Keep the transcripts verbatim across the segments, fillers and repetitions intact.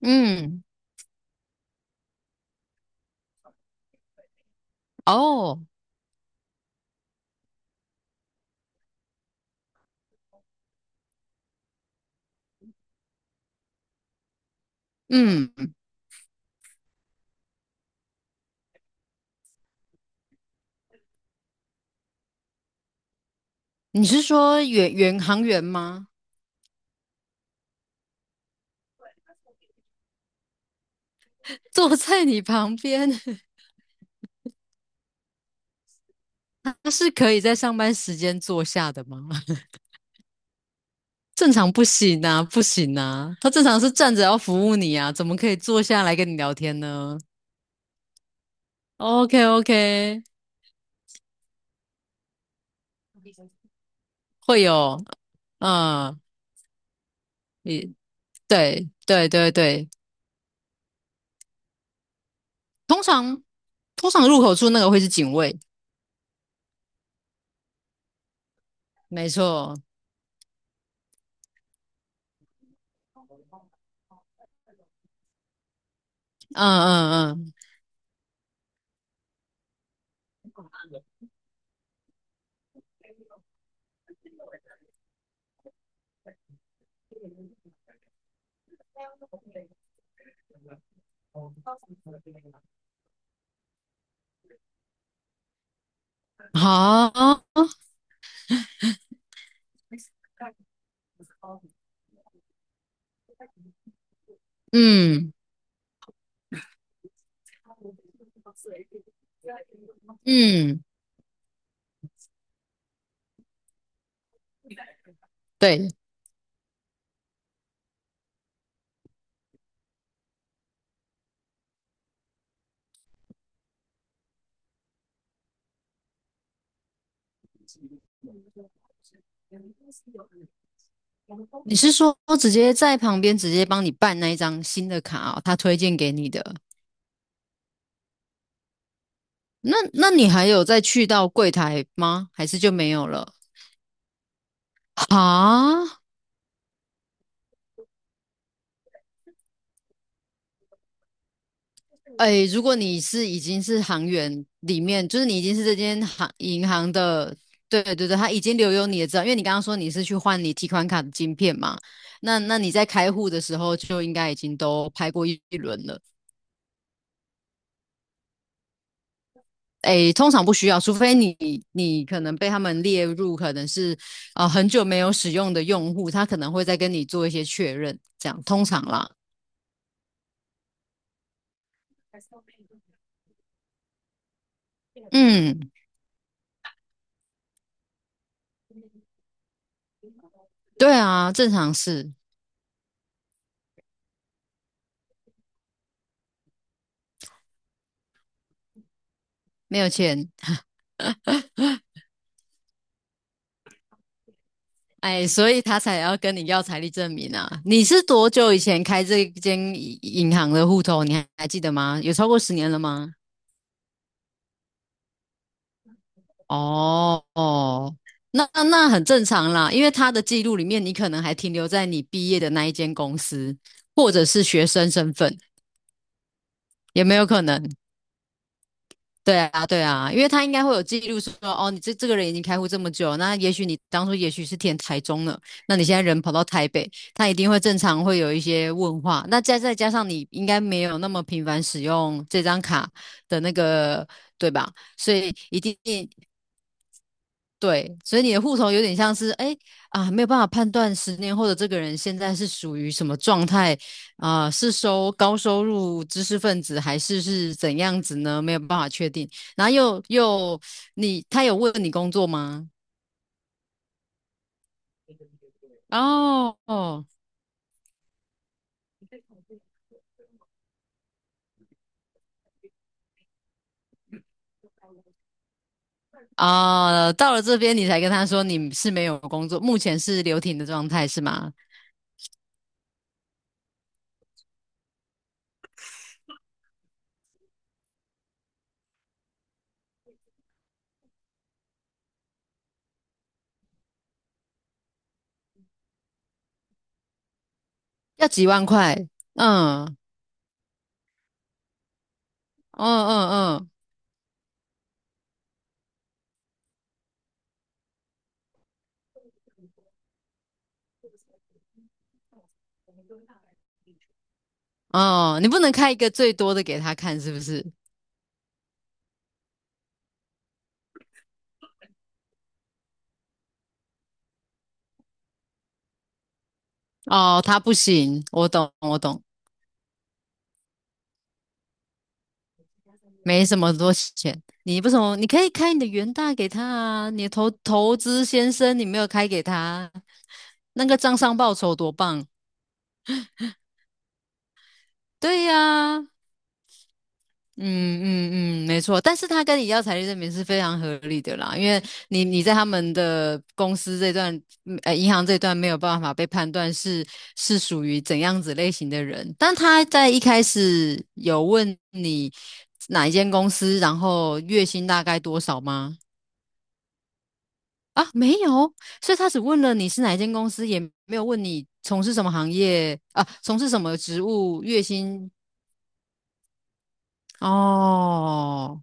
嗯，哦，嗯，你是说远远航员吗？坐在你旁边，他是可以在上班时间坐下的吗？正常不行啊，不行啊，他正常是站着要服务你啊，怎么可以坐下来跟你聊天呢？OK OK，会有，嗯，你对对对对，通常通常入口处那个会是警卫，没错，嗯嗯嗯，好，嗯。嗯，对，你是说直接在旁边直接帮你办那一张新的卡哦，他推荐给你的。那那你还有再去到柜台吗？还是就没有了？啊，哎，如果你是已经是行员里面，就是你已经是这间行银行的，对对对，他已经留有你的资料，因为你刚刚说你是去换你提款卡的晶片嘛，那那你在开户的时候就应该已经都拍过一一轮了。诶，通常不需要，除非你你可能被他们列入可能是啊、呃很久没有使用的用户，他可能会再跟你做一些确认，这样通常啦。嗯，对啊，正常是没有钱，哎，所以他才要跟你要财力证明啊。你是多久以前开这间银行的户头？你还还记得吗？有超过十年了吗？哦哦，那那很正常啦，因为他的记录里面，你可能还停留在你毕业的那一间公司，或者是学生身份，也没有可能。对啊，对啊，因为他应该会有记录说，哦，你这这个人已经开户这么久，那也许你当初也许是填台中了，那你现在人跑到台北，他一定会正常会有一些问话。那再再加上你应该没有那么频繁使用这张卡的那个，对吧？所以一定对，所以你的户头有点像是，哎啊，没有办法判断十年后的这个人现在是属于什么状态啊，是收高收入知识分子还是是怎样子呢？没有办法确定。然后又又你他有问你工作吗？哦哦啊，到了这边你才跟他说你是没有工作，目前是留停的状态是吗？要几万块？嗯，嗯嗯嗯哦，你不能开一个最多的给他看是不是？哦，他不行，我懂，我懂，没什么多钱。你不什么？你可以开你的元大给他啊，你的投投资先生，你没有开给他啊，那个账上报酬多棒！对呀、嗯嗯嗯，没错，但是他跟你要财力证明是非常合理的啦，因为你你在他们的公司这段，嗯呃，银行这段没有办法被判断是是属于怎样子类型的人，但他在一开始有问你哪一间公司，然后月薪大概多少吗？啊，没有，所以他只问了你是哪一间公司，也没有问你从事什么行业啊，从事什么职务，月薪哦。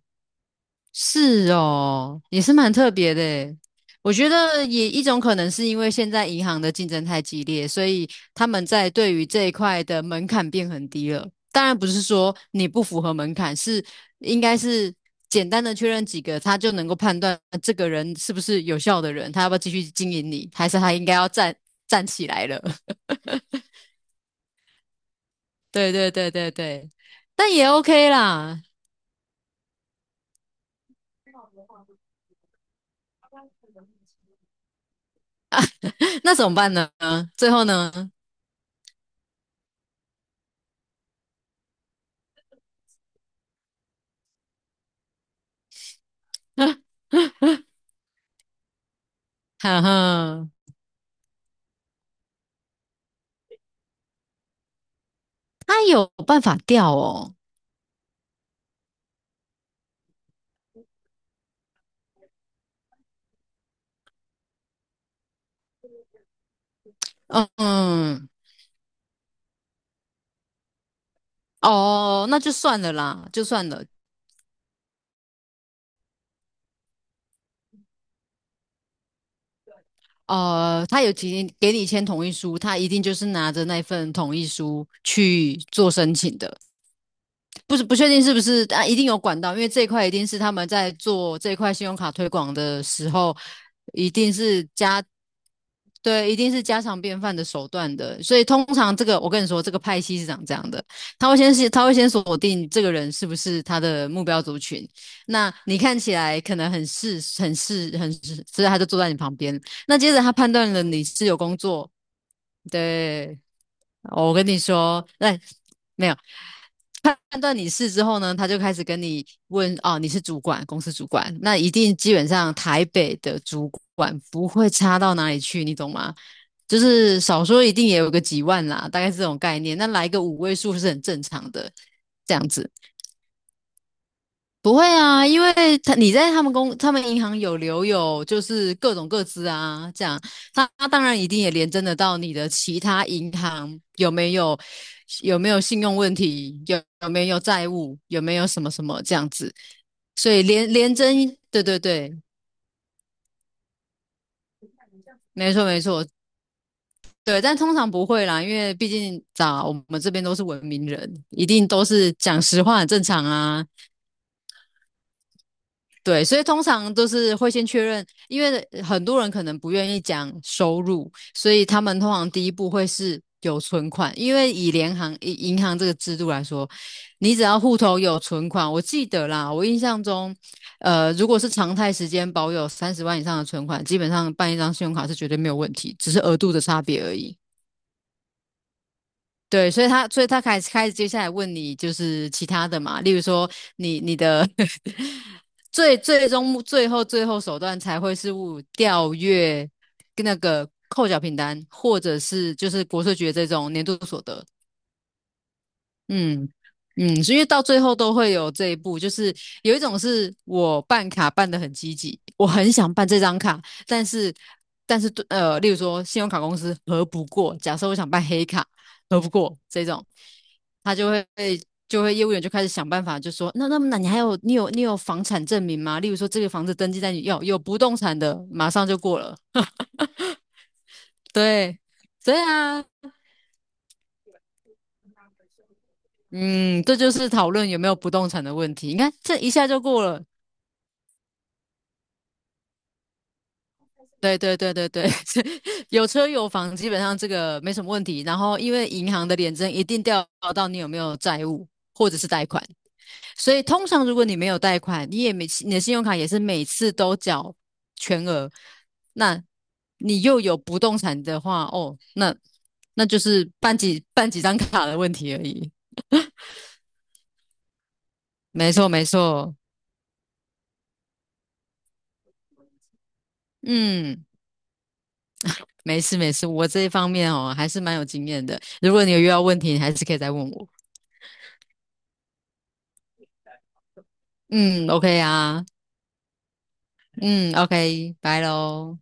是哦，也是蛮特别的诶。我觉得也一种可能是因为现在银行的竞争太激烈，所以他们在对于这一块的门槛变很低了。当然不是说你不符合门槛，是应该是简单的确认几个，他就能够判断呃这个人是不是有效的人，他要不要继续经营你，还是他应该要站站起来了。对对对对对，但也 OK 啦。那怎么办呢？最后呢？哈哈。他有办法掉哦，嗯嗯，哦，那就算了啦，就算了。呃，他有提给你签同意书，他一定就是拿着那份同意书去做申请的。不是不确定是不是啊，一定有管道，因为这一块一定是他们在做这一块信用卡推广的时候，一定是家对，一定是家常便饭的手段的。所以通常这个，我跟你说，这个派系是长这样的，他会先是他会先锁定这个人是不是他的目标族群。那你看起来可能很是很是很是，所以他就坐在你旁边。那接着他判断了你是有工作，对哦我跟你说，那没有判断你是之后呢，他就开始跟你问哦，你是主管，公司主管，那一定基本上台北的主管不会差到哪里去，你懂吗？就是少说一定也有个几万啦，大概是这种概念。那来个五位数是很正常的，这样子。不会啊，因为他你在他们公他们银行有留有就是各种各资啊，这样他他当然一定也连征得到你的其他银行有没有有没有信用问题，有有没有债务，有没有什么什么这样子，所以连连征，对对对，没错没错，对，但通常不会啦，因为毕竟咋我们这边都是文明人，一定都是讲实话很正常啊，对，所以通常都是会先确认，因为很多人可能不愿意讲收入，所以他们通常第一步会是有存款，因为以联行以银行这个制度来说，你只要户头有存款，我记得啦，我印象中，呃，如果是常态时间保有三十万以上的存款，基本上办一张信用卡是绝对没有问题，只是额度的差别而已。对，所以他，所以他开始开始接下来问你，就是其他的嘛，例如说你你的 最最终最后最后手段才会是物调阅那个扣缴凭单，或者是就是国税局的这种年度所得。嗯嗯，所以到最后都会有这一步，就是有一种是我办卡办得很积极，我很想办这张卡，但是但是对呃，例如说信用卡公司核不过，假设我想办黑卡核不过这种，他就会就会业务员就开始想办法，就说那那那你还有你有你有房产证明吗？例如说这个房子登记在你有有不动产的，马上就过了，对。对啊，嗯，这就是讨论有没有不动产的问题。你看，这一下就过了，对对对对对，有车有房，基本上这个没什么问题。然后，因为银行的联征一定调查到你有没有债务或者是贷款，所以通常如果你没有贷款，你也没你的信用卡也是每次都缴全额，那你又有不动产的话，哦，那那就是办几办几张卡的问题而已。没错没错，嗯，没事没事，我这一方面哦还是蛮有经验的。如果你有遇到问题，你还是可以再问我。嗯，OK 啊。嗯，OK，拜喽。